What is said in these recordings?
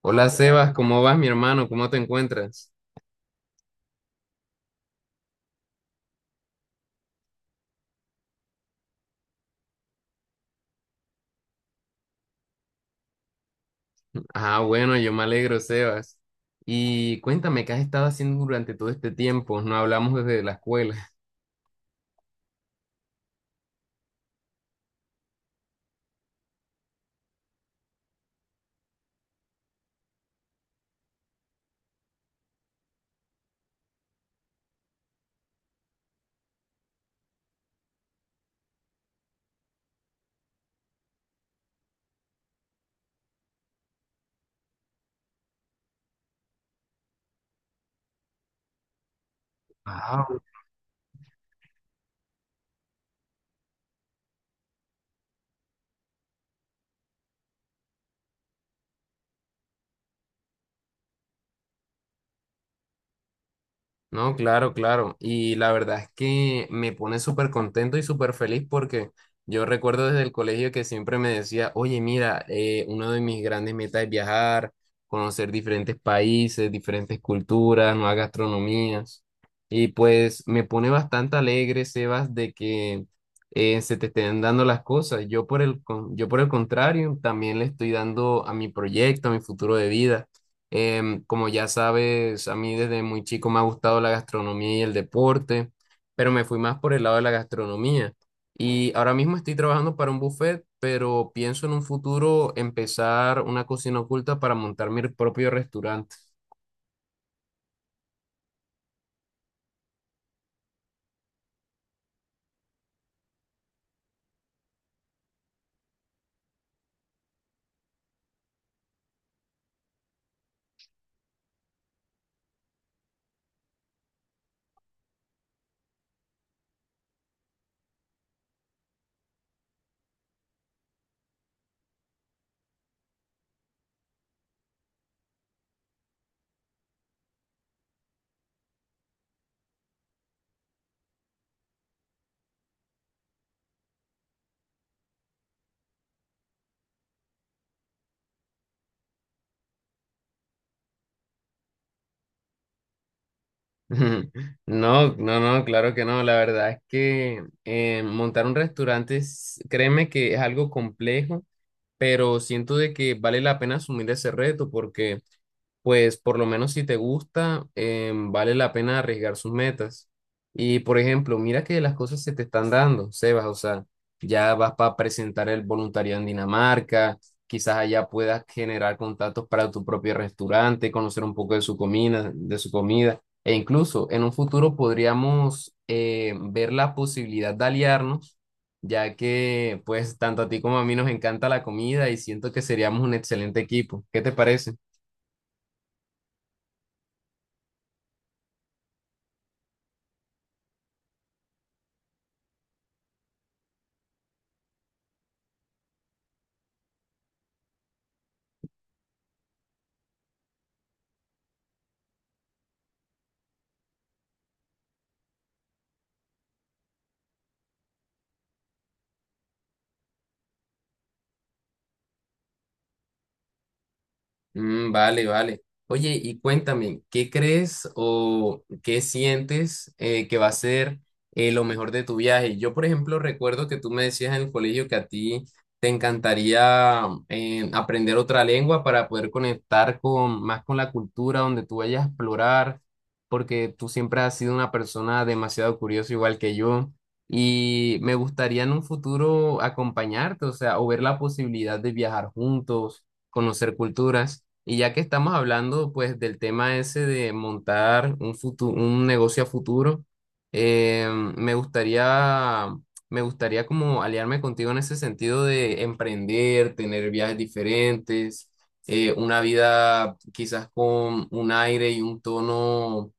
Hola Sebas, ¿cómo vas, mi hermano? ¿Cómo te encuentras? Ah, bueno, yo me alegro, Sebas. Y cuéntame, ¿qué has estado haciendo durante todo este tiempo? No hablamos desde la escuela. No, claro, claro. Y la verdad es que me pone súper contento y súper feliz porque yo recuerdo desde el colegio que siempre me decía, oye, mira, una de mis grandes metas es viajar, conocer diferentes países, diferentes culturas, nuevas gastronomías. Y pues me pone bastante alegre, Sebas, de que se te estén dando las cosas. Yo por el, yo por el contrario, también le estoy dando a mi proyecto, a mi futuro de vida. Como ya sabes, a mí desde muy chico me ha gustado la gastronomía y el deporte, pero me fui más por el lado de la gastronomía. Y ahora mismo estoy trabajando para un buffet, pero pienso en un futuro empezar una cocina oculta para montar mi propio restaurante. No, no, no, claro que no. La verdad es que montar un restaurante, créeme que es algo complejo, pero siento de que vale la pena asumir ese reto porque pues por lo menos si te gusta, vale la pena arriesgar sus metas. Y por ejemplo, mira que las cosas se te están dando, Sebas, o sea, ya vas para presentar el voluntariado en Dinamarca, quizás allá puedas generar contactos para tu propio restaurante, conocer un poco de su comida, e incluso en un futuro podríamos ver la posibilidad de aliarnos, ya que pues tanto a ti como a mí nos encanta la comida y siento que seríamos un excelente equipo. ¿Qué te parece? Mm, vale, vale. Oye, y cuéntame, ¿qué crees o qué sientes que va a ser lo mejor de tu viaje? Yo, por ejemplo, recuerdo que tú me decías en el colegio que a ti te encantaría aprender otra lengua para poder conectar con, más con la cultura donde tú vayas a explorar, porque tú siempre has sido una persona demasiado curiosa, igual que yo. Y me gustaría en un futuro acompañarte, o sea, o ver la posibilidad de viajar juntos conocer culturas. Y ya que estamos hablando pues del tema ese de montar un un negocio a futuro, eh, me gustaría, me gustaría como aliarme contigo en ese sentido de emprender, tener viajes diferentes, una vida quizás con un aire y un tono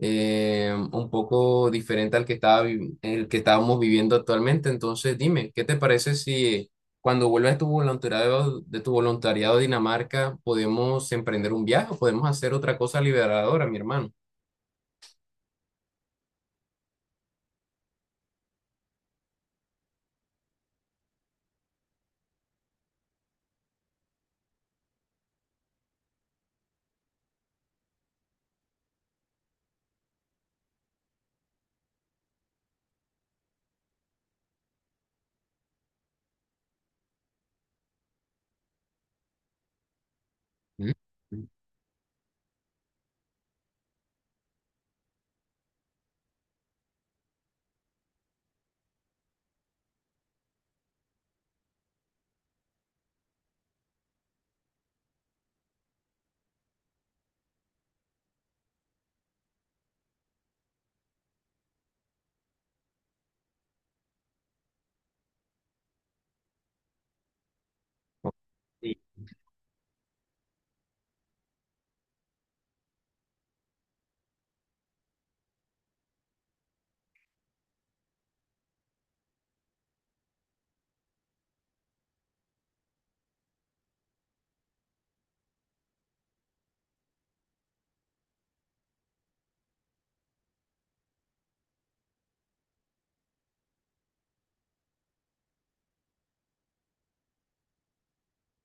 un poco diferente al que estaba el que estábamos viviendo actualmente. Entonces, dime, ¿qué te parece si cuando vuelvas de tu voluntariado a Dinamarca, podemos emprender un viaje o podemos hacer otra cosa liberadora, mi hermano? ¿Mm?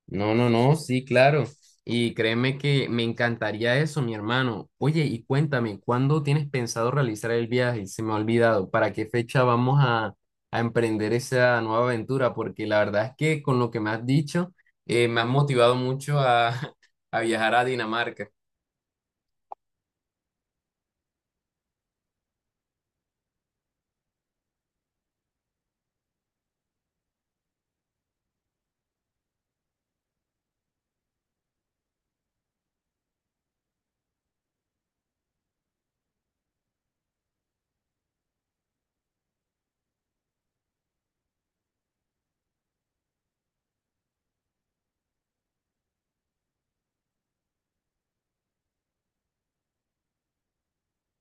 No, no, no, sí, claro. Y créeme que me encantaría eso, mi hermano. Oye, y cuéntame, ¿cuándo tienes pensado realizar el viaje? Se me ha olvidado. ¿Para qué fecha vamos a emprender esa nueva aventura? Porque la verdad es que con lo que me has dicho, me has motivado mucho a, a viajar a Dinamarca.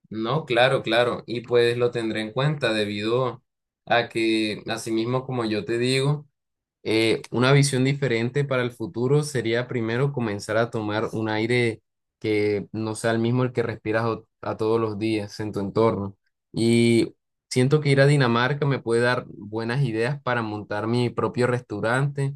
No, claro, claro. Y pues lo tendré en cuenta debido a que, asimismo, como yo te digo, una visión diferente para el futuro sería primero comenzar a tomar un aire que no sea el mismo el que respiras a todos los días en tu entorno. Y siento que ir a Dinamarca me puede dar buenas ideas para montar mi propio restaurante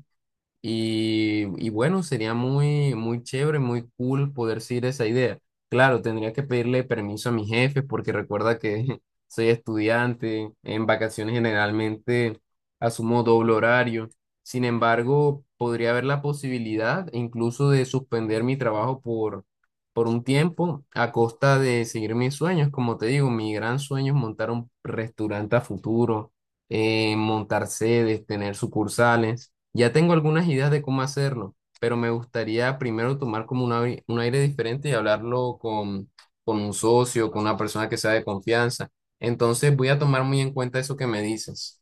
y bueno, sería muy, muy chévere, muy cool poder seguir esa idea. Claro, tendría que pedirle permiso a mis jefes porque recuerda que soy estudiante, en vacaciones generalmente asumo doble horario. Sin embargo, podría haber la posibilidad incluso de suspender mi trabajo por un tiempo a costa de seguir mis sueños. Como te digo, mi gran sueño es montar un restaurante a futuro, montar sedes, tener sucursales. Ya tengo algunas ideas de cómo hacerlo, pero me gustaría primero tomar como un aire diferente y hablarlo con un socio, con una persona que sea de confianza. Entonces voy a tomar muy en cuenta eso que me dices.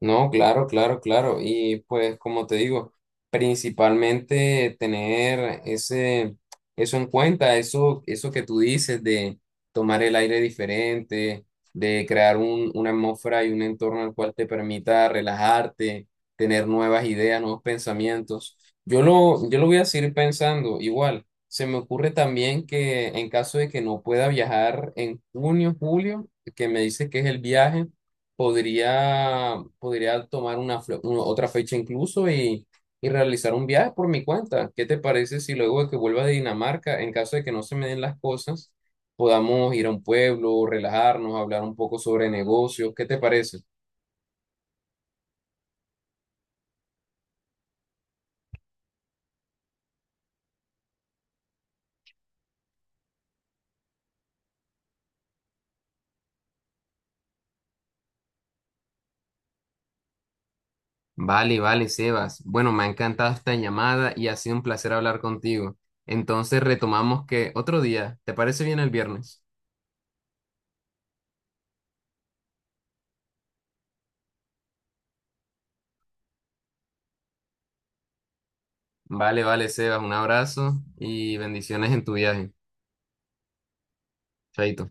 No, claro, claro, claro. Y pues como te digo, principalmente tener ese, eso en cuenta, eso que tú dices de tomar el aire diferente, de crear un, una atmósfera y un entorno al cual te permita relajarte, tener nuevas ideas, nuevos pensamientos. Yo lo voy a seguir pensando igual. Se me ocurre también que en caso de que no pueda viajar en junio, julio, que me dices que es el viaje podría, podría tomar una, otra fecha incluso y realizar un viaje por mi cuenta. ¿Qué te parece si luego de que vuelva de Dinamarca, en caso de que no se me den las cosas, podamos ir a un pueblo, relajarnos, hablar un poco sobre negocios? ¿Qué te parece? Vale, vale, Sebas. Bueno, me ha encantado esta llamada y ha sido un placer hablar contigo. Entonces retomamos que otro día, ¿te parece bien el viernes? Vale, vale, Sebas. Un abrazo y bendiciones en tu viaje. Chaito.